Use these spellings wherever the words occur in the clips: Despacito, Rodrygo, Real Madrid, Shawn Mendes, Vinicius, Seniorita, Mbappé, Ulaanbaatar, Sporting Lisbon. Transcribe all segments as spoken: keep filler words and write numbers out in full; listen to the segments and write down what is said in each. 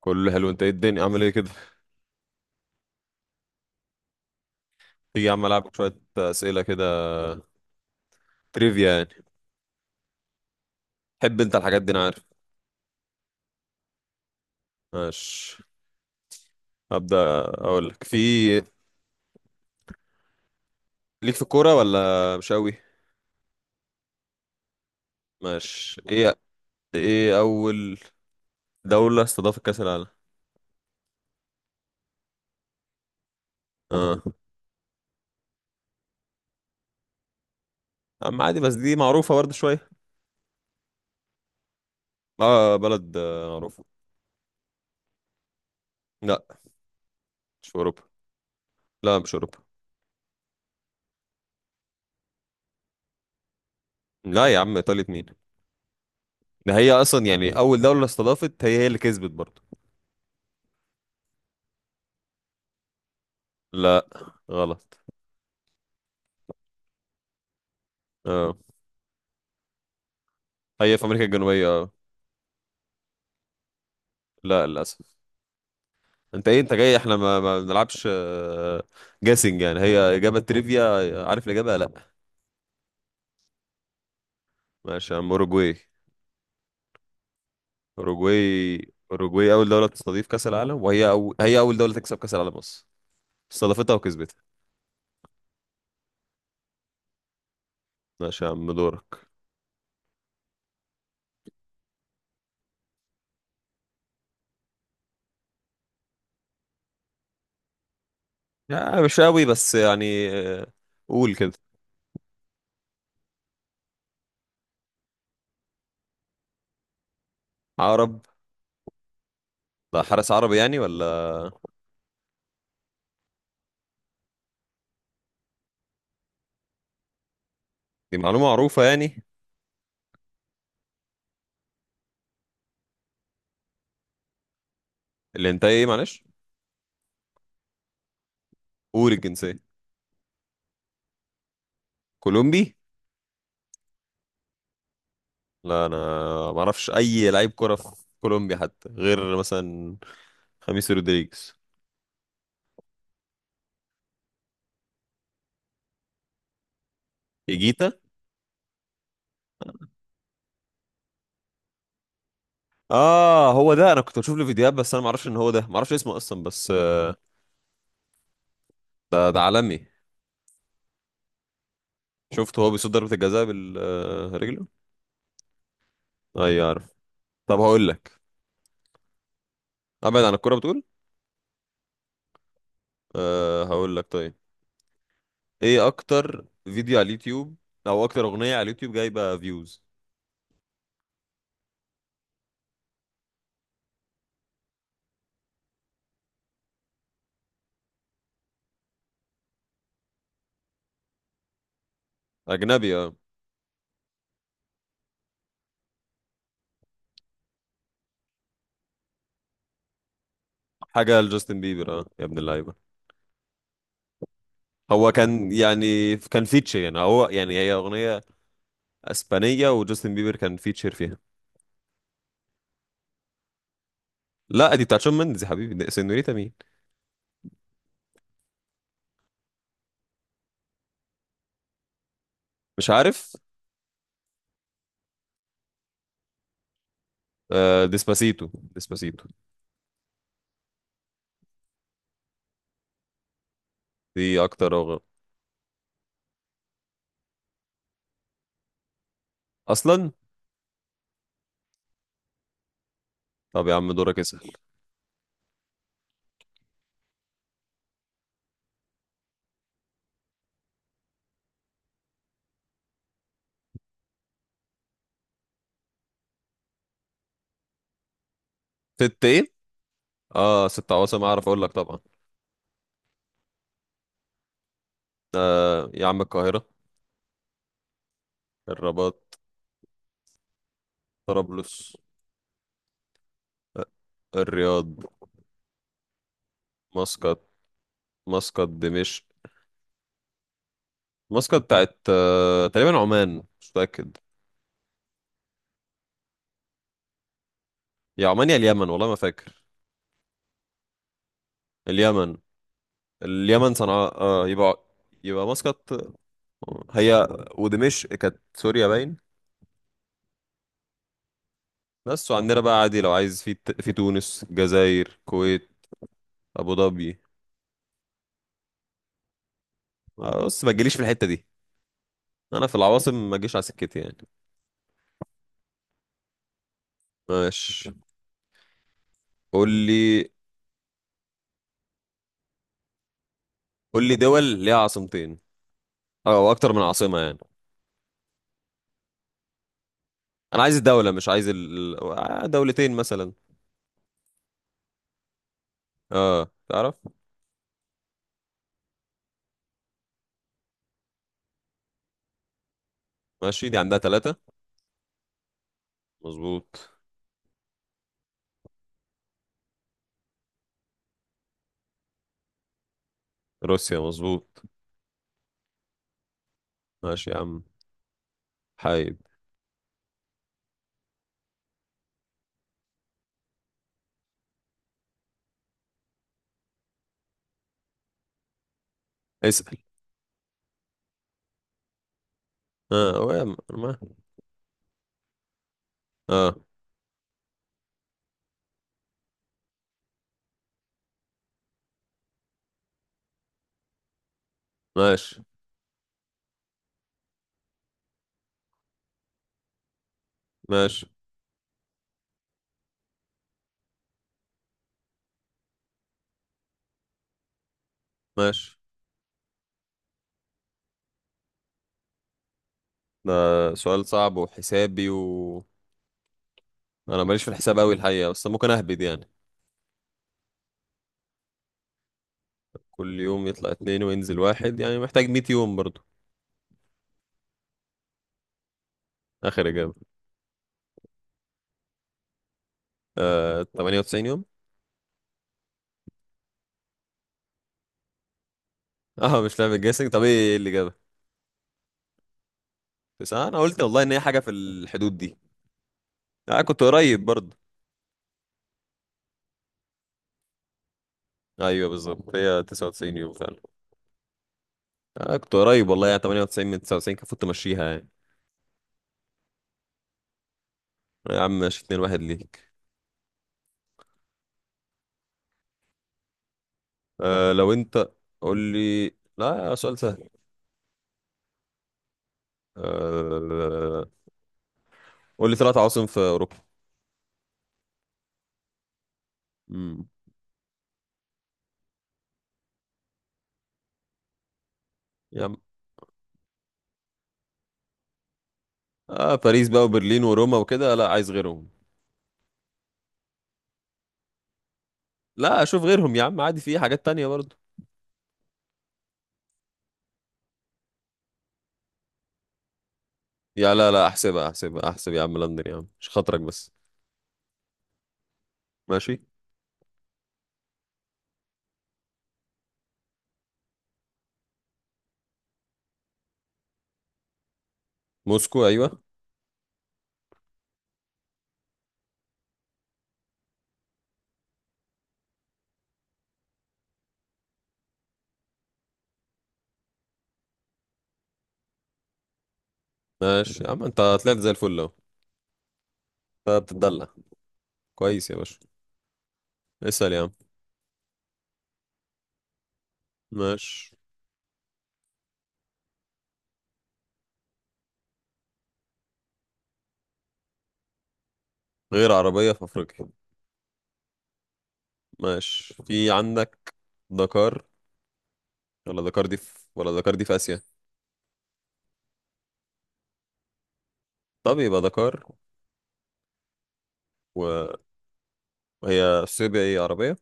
كله حلو. انت ايه الدنيا عامل ايه كده؟ تيجي يا عم العبك شويه اسئله كده، تريفيا يعني. تحب انت الحاجات دي انا عارف. ماشي. هبدا اقول لك في، ليك في الكوره ولا مش قوي؟ ماشي. ايه ايه اول دوله استضافت كاس العالم؟ اه. اما عادي، بس دي معروفه برضه شويه. اه بلد آه، معروفه. لا مش في اوروبا. لا مش اوروبا. لا يا عم ايطاليا مين؟ ده هي اصلا يعني اول دوله استضافت هي هي اللي كسبت برضه. لا، غلط. اه هي في امريكا الجنوبيه اه. لا للاسف. انت ايه؟ انت جاي احنا ما, ما بنلعبش، آه، جاسنج يعني. هي اجابه تريفيا، عارف الاجابه؟ لا. ماشي يا عم، اوروجواي. اوروجواي. اوروجواي اول دوله تستضيف كاس العالم، وهي أو... هي اول دوله تكسب كاس العالم اصلا، استضافتها وكسبتها. ماشي يا عم، دورك. يعني مش قوي بس يعني، آه، قول كده. عرب؟ لا حارس عربي يعني ولا؟ دي معلومه معروفه يعني. اللي انت ايه معلش. قول الجنسيه. كولومبي. لا انا ما اعرفش اي لعيب كره في كولومبيا حتى، غير مثلا خميس رودريجيز. ايجيتا. اه هو ده، انا كنت بشوف له فيديوهات بس انا ما اعرفش ان هو ده، ما اعرفش اسمه اصلا بس آه، ده, ده عالمي. شفته هو بيصد ضربة الجزاء بالرجل. ايوه عارف. طب هقول لك، ابعد عن الكوره بتقول؟ أه هقول لك طيب. ايه اكتر فيديو على اليوتيوب او اكتر اغنيه على اليوتيوب جايبه فيوز؟ اجنبي اه. حاجه لجاستن بيبر، اه يا ابن اللعيبه. هو كان يعني كان فيتشر، يعني هو يعني هي اغنيه اسبانيه وجاستن بيبر كان فيتشر فيها. لا دي بتاعت شون مندز يا حبيبي، سينوريتا مين؟ مش عارف. آه ديسباسيتو، ديسباسيتو. دي اكتر رغم. اصلا. طب يا عم دورك اسأل. ست ايه؟ اه ست عواصم اعرف اقول لك طبعا. آه يا عم، القاهرة. الرباط. طرابلس. الرياض. مسقط. مسقط، دمشق. مسقط بتاعت آه تقريبا عمان، مش متأكد. يا عمان يا اليمن، والله ما فاكر. اليمن. اليمن صنعاء اه، يبقى. يبقى مسقط. آه، هي. ودمشق كانت سوريا باين. بس وعندنا بقى عادي لو عايز، في في تونس، جزائر، كويت، ابو ظبي. بص ما تجيليش في الحتة دي، انا في العواصم ما اجيش على سكتي يعني. ماشي. قول لي قول لي دول ليها عاصمتين او اكتر من عاصمة يعني. انا عايز الدولة، مش عايز ال... آه، دولتين مثلا. اه تعرف. ماشي دي عندها ثلاثة. مظبوط. روسيا مظبوط. ماشي يا عم. حايد. اسأل. اه هو يا عم، أنا ما- اه. ماشي ماشي ماشي. ده سؤال صعب وحسابي، و انا ماليش في الحساب قوي الحقيقة بس ممكن اهبد يعني. كل يوم يطلع اتنين وينزل واحد، يعني محتاج 100 يوم برضو. اخر اجابه. آه 98 يوم. اه مش لعبه جيسنج؟ طب ايه اللي جابها؟ تسعة، انا قلت والله ان هي حاجه في الحدود دي. انا آه كنت قريب برضو. ايوه بالظبط هي 99 يوم فعلا. انا آه كنت قريب والله يعني، تمانية وتسعين من تسعة وتسعين كان المفروض تمشيها يعني. يا عم ماشي، اتنين واحد ليك. آه لو انت. قول لي. لا سؤال سهل. آه... قول لي ثلاث عواصم في اوروبا. امم. يا عم. آه باريس بقى وبرلين وروما وكده؟ لا عايز غيرهم. لا اشوف غيرهم يا عم، عادي في حاجات تانية برضو. يا لا لا احسبها، احسبها، احسب يا عم لندن يا عم، مش خاطرك بس. ماشي. موسكو ايوه. ماشي يا عم، انت طلعت زي الفل اهو، انت بتتدلع. كويس يا باشا. اسأل يا عم. ماشي. غير عربية في افريقيا. ماشي. في عندك دكار. ولا دكار دي في، ولا دكار دي في اسيا. طب يبقى دكار. و- وهي اثيوبيا ايه، عربية؟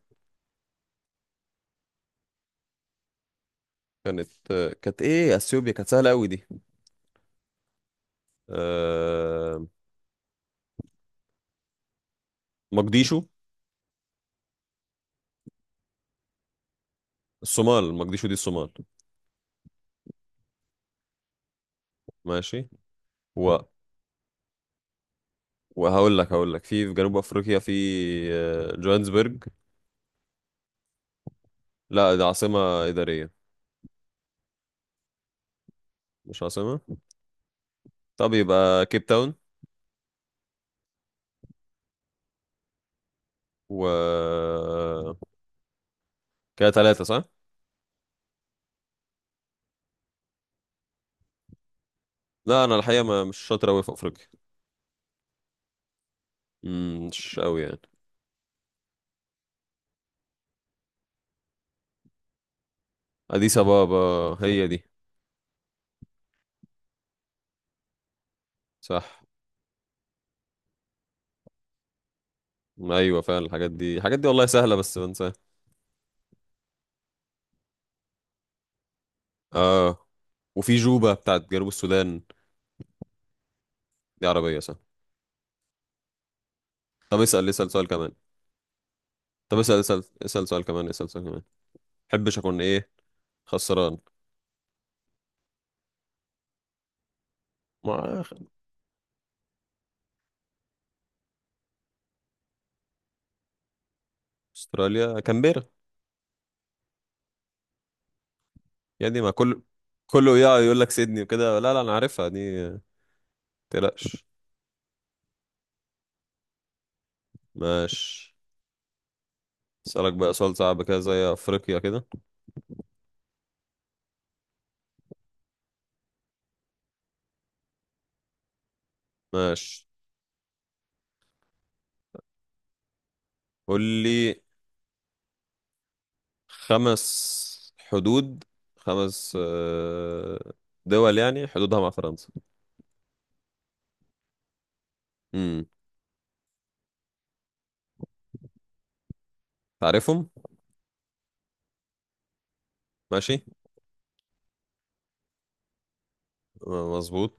كانت. كانت ايه اثيوبيا، كانت سهلة قوي دي. أه... مقديشو. الصومال. مقديشو دي الصومال. ماشي. و... وهقول لك هقول لك في في جنوب افريقيا في آه، جوهانسبرج. لا دي عاصمة إدارية. مش عاصمة؟ طب يبقى كيب تاون. و كده ثلاثة صح؟ لا أنا الحقيقة ما مش شاطر أوي في أفريقيا. مم، مش أوي يعني. أديس أبابا، هي دي. صح. أيوة فعلا، الحاجات دي الحاجات دي والله سهلة بس بنساها. آه. وفي جوبا بتاعت جنوب السودان. دي عربية صح. طب اسأل، اسأل سؤال كمان. طب اسأل اسأل اسأل سؤال كمان، اسأل سؤال كمان. محبش أكون إيه؟ خسران. مع. أستراليا كامبيرا. يا دي ما كله. كله يا يقول لك سيدني وكده، لا لا انا عارفها دي. ما تقلقش. ماشي. اسالك بقى سؤال صعب كده زي افريقيا كده. ماشي. قول لي خمس حدود، خمس آه، دول يعني حدودها مع فرنسا. امم. تعرفهم؟ ماشي. آه، مظبوط.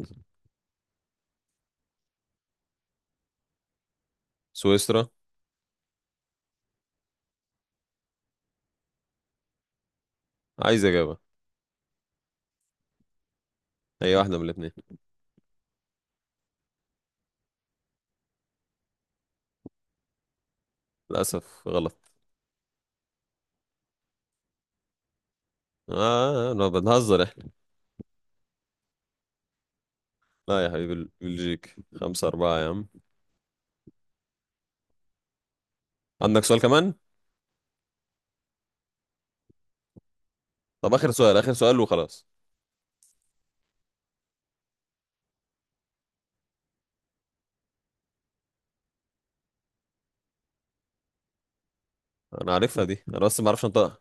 سويسرا. عايز اجابه. اي واحده من الاثنين. للاسف غلط. اه انا بنهزر احنا. لا يا حبيبي بل- بلجيك، خمسة أربعة يا عم. عندك سؤال كمان. طب آخر سؤال، آخر سؤال وخلاص. انا عارفها دي انا، بس ما اعرفش انطقها.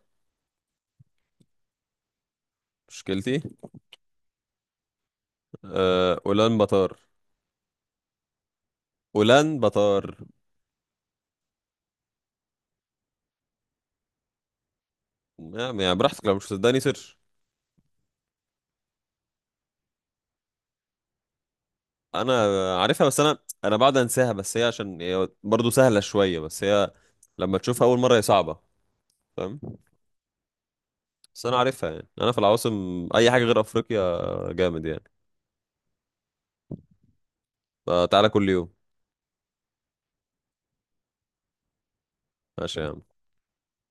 مشكلتي. أه... اولان بطار. اولان بطار. يعني يعني براحتك، لو مش صدقني سيرش. انا عارفها، بس انا انا بعد انساها، بس هي عشان هي برضه سهله شويه، بس هي لما تشوفها اول مره هي صعبه. فاهم. بس انا عارفها يعني، انا في العواصم اي حاجه غير افريقيا جامد يعني. فتعالى كل يوم. ماشي يا عم.